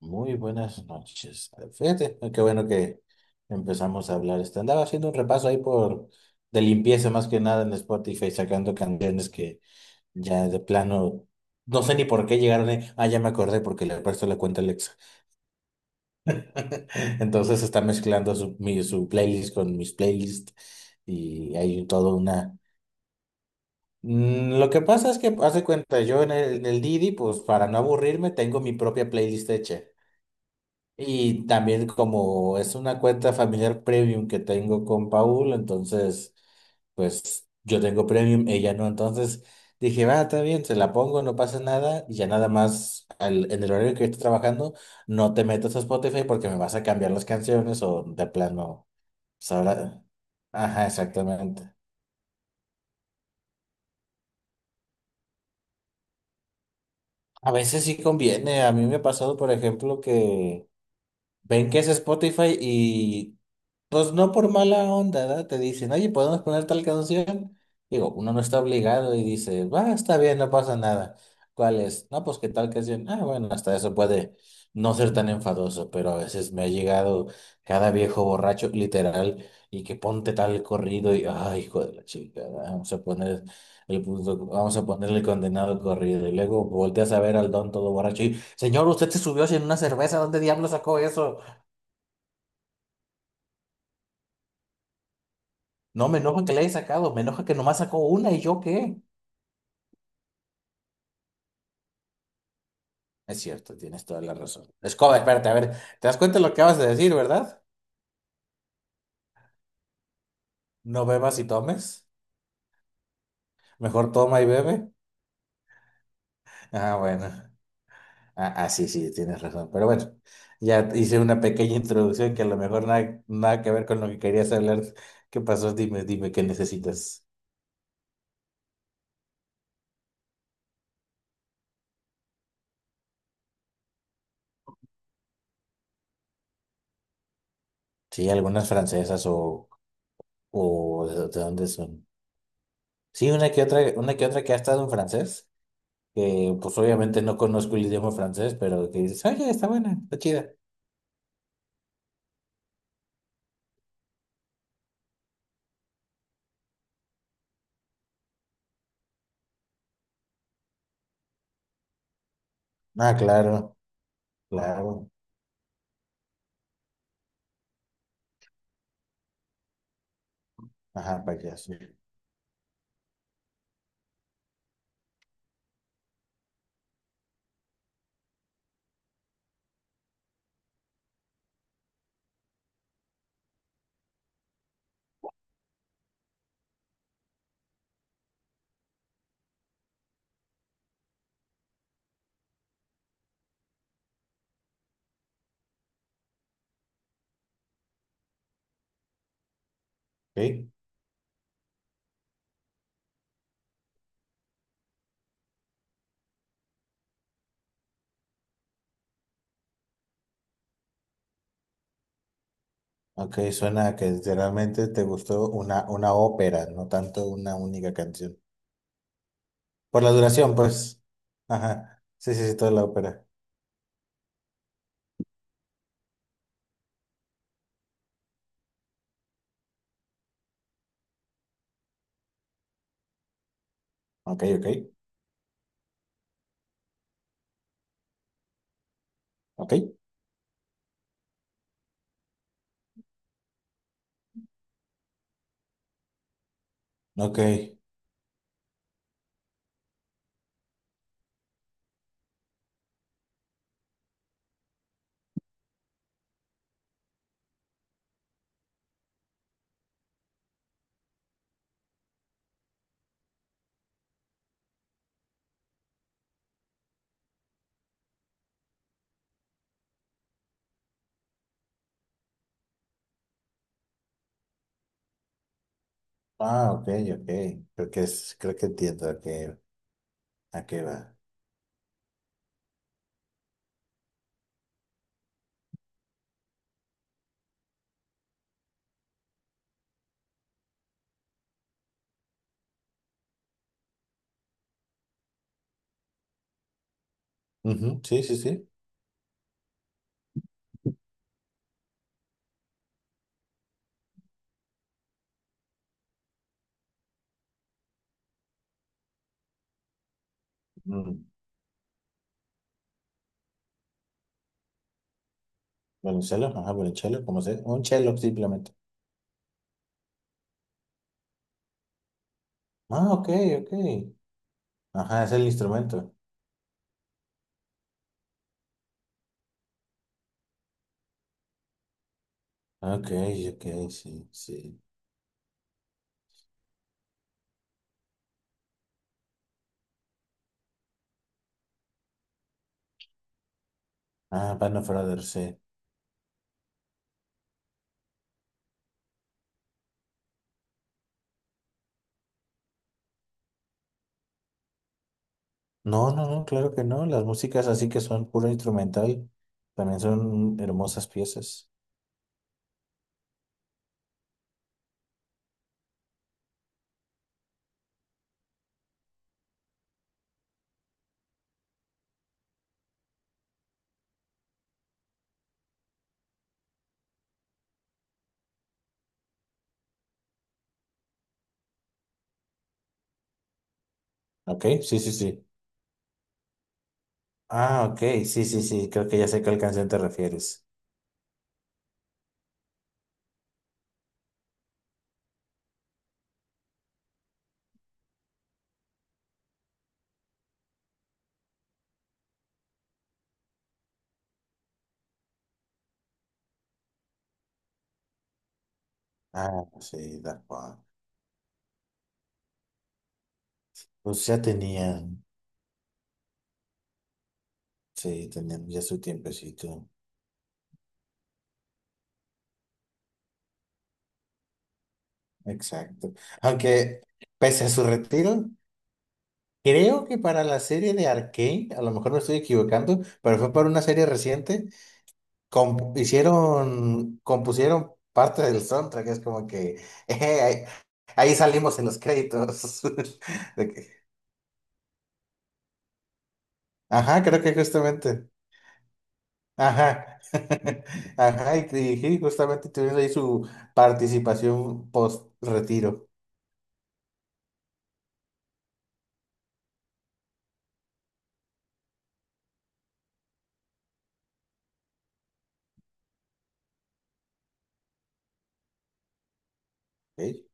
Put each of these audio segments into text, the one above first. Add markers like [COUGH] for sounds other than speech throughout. Muy buenas noches. Fíjate, qué bueno que empezamos a hablar. Andaba haciendo un repaso ahí por de limpieza más que nada en Spotify, sacando canciones que ya de plano no sé ni por qué llegaron ahí. Ah, ya me acordé porque le presto la cuenta a Alexa. [LAUGHS] Entonces está mezclando su playlist con mis playlists y hay todo una. Lo que pasa es que, hace cuenta, yo en el Didi, pues para no aburrirme, tengo mi propia playlist hecha. Y también como es una cuenta familiar premium que tengo con Paul, entonces, pues yo tengo premium, ella no. Entonces dije, va, está bien, se la pongo, no pasa nada. Y ya nada más en el horario que yo estoy trabajando, no te metas a Spotify porque me vas a cambiar las canciones o de plano. pues, ahora- Ajá, exactamente. A veces sí conviene. A mí me ha pasado, por ejemplo, que ven que es Spotify y pues no por mala onda, ¿verdad? Te dicen, oye, ¿podemos poner tal canción? Digo, uno no está obligado y dice, va, está bien, no pasa nada. ¿Cuál es? No, pues qué tal canción. Ah, bueno, hasta eso puede no ser tan enfadoso, pero a veces me ha llegado cada viejo borracho, literal, y que ponte tal corrido y, ay, hijo de la chica, vamos a poner el punto, vamos a ponerle el condenado corrido. Y luego volteas a ver al don todo borracho y, señor, usted se subió sin una cerveza, ¿dónde diablo sacó eso? No, me enoja que le haya sacado, me enoja que nomás sacó una y yo qué. Es cierto, tienes toda la razón. Escoba, espérate, a ver, ¿te das cuenta de lo que acabas de decir, verdad? No bebas y tomes. Mejor toma y bebe. Ah, bueno. Ah, ah, sí, sí, tienes razón. Pero bueno, ya hice una pequeña introducción que a lo mejor nada, nada que ver con lo que querías hablar. ¿Qué pasó? Dime, dime, ¿qué necesitas? Sí, algunas francesas o de dónde son. Sí, una que otra que ha estado en francés, que pues obviamente no conozco el idioma francés, pero que dices, oye, está buena, está chida. Ah, claro, claro. Ajá, payaso. Ok, ok, suena que literalmente te gustó una ópera, no tanto una única canción. Por la duración, pues. Ajá, sí, sí, sí, toda la ópera. Ok, ok, ok, ok. Ah, ok, ok. Creo que entiendo a qué va. Ujú, sí, sí, sí. Mm. Violonchelo, ajá, violonchelo, como sea. Un chelo, simplemente. Ah, ok, ok. Ajá, es el instrumento. Ok, ok, sí, sí. Ah, Band of Brothers, sí. No, no, no, claro que no. Las músicas así que son puro instrumental también son hermosas piezas. Ok, sí, sí, sí. Ah, ok, sí, sí, sí. Creo que ya sé a qué canción te refieres. Ah, sí, Daft Punk. Pues ya tenían, sí, tenían ya su tiempecito. Exacto. Aunque, pese a su retiro, creo que para la serie de Arcane, a lo mejor me estoy equivocando, pero fue para una serie reciente, compusieron parte del soundtrack, es como que [LAUGHS] ahí, ahí salimos en los créditos. [LAUGHS] De que- Ajá, creo que justamente. Ajá. [LAUGHS] Ajá, y sí, justamente tuvieron ahí su participación post-retiro. Ok,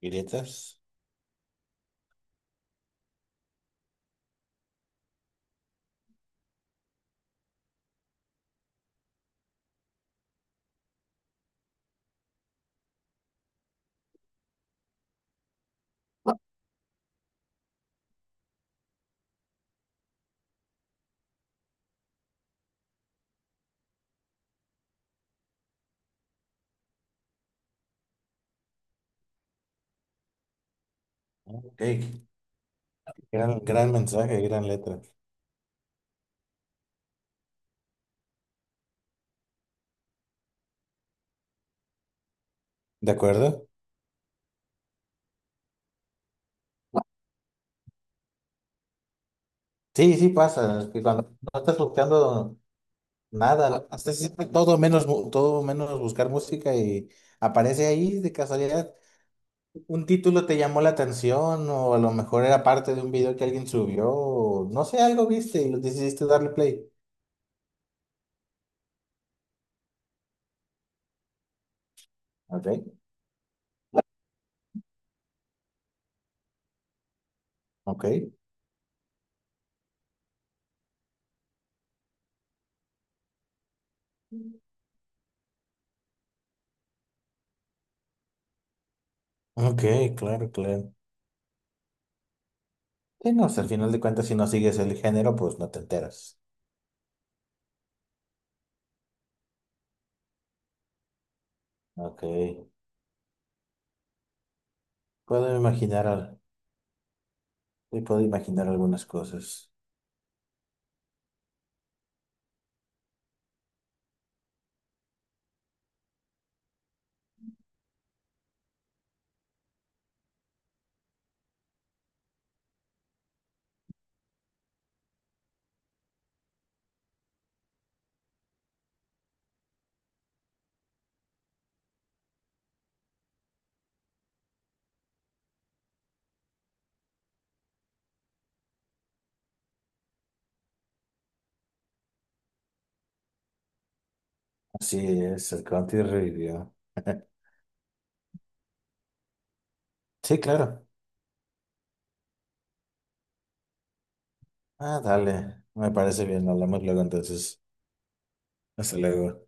y letras. Ok, gran, gran mensaje, gran letra. ¿De acuerdo? Sí, sí pasa, que cuando no estás buscando nada, hasta siempre todo menos, todo menos buscar música y aparece ahí de casualidad, un título te llamó la atención o a lo mejor era parte de un video que alguien subió, o no sé, algo viste y lo decidiste darle play. Ok, ok, ok, claro, claro. Sí, no, o sea, al final de cuentas si no sigues el género, pues no te enteras. Ok, puedo imaginar, sí, puedo imaginar algunas cosas. Así es, el country revivió. Sí, claro. Ah, dale, me parece bien, hablamos luego entonces. Hasta luego.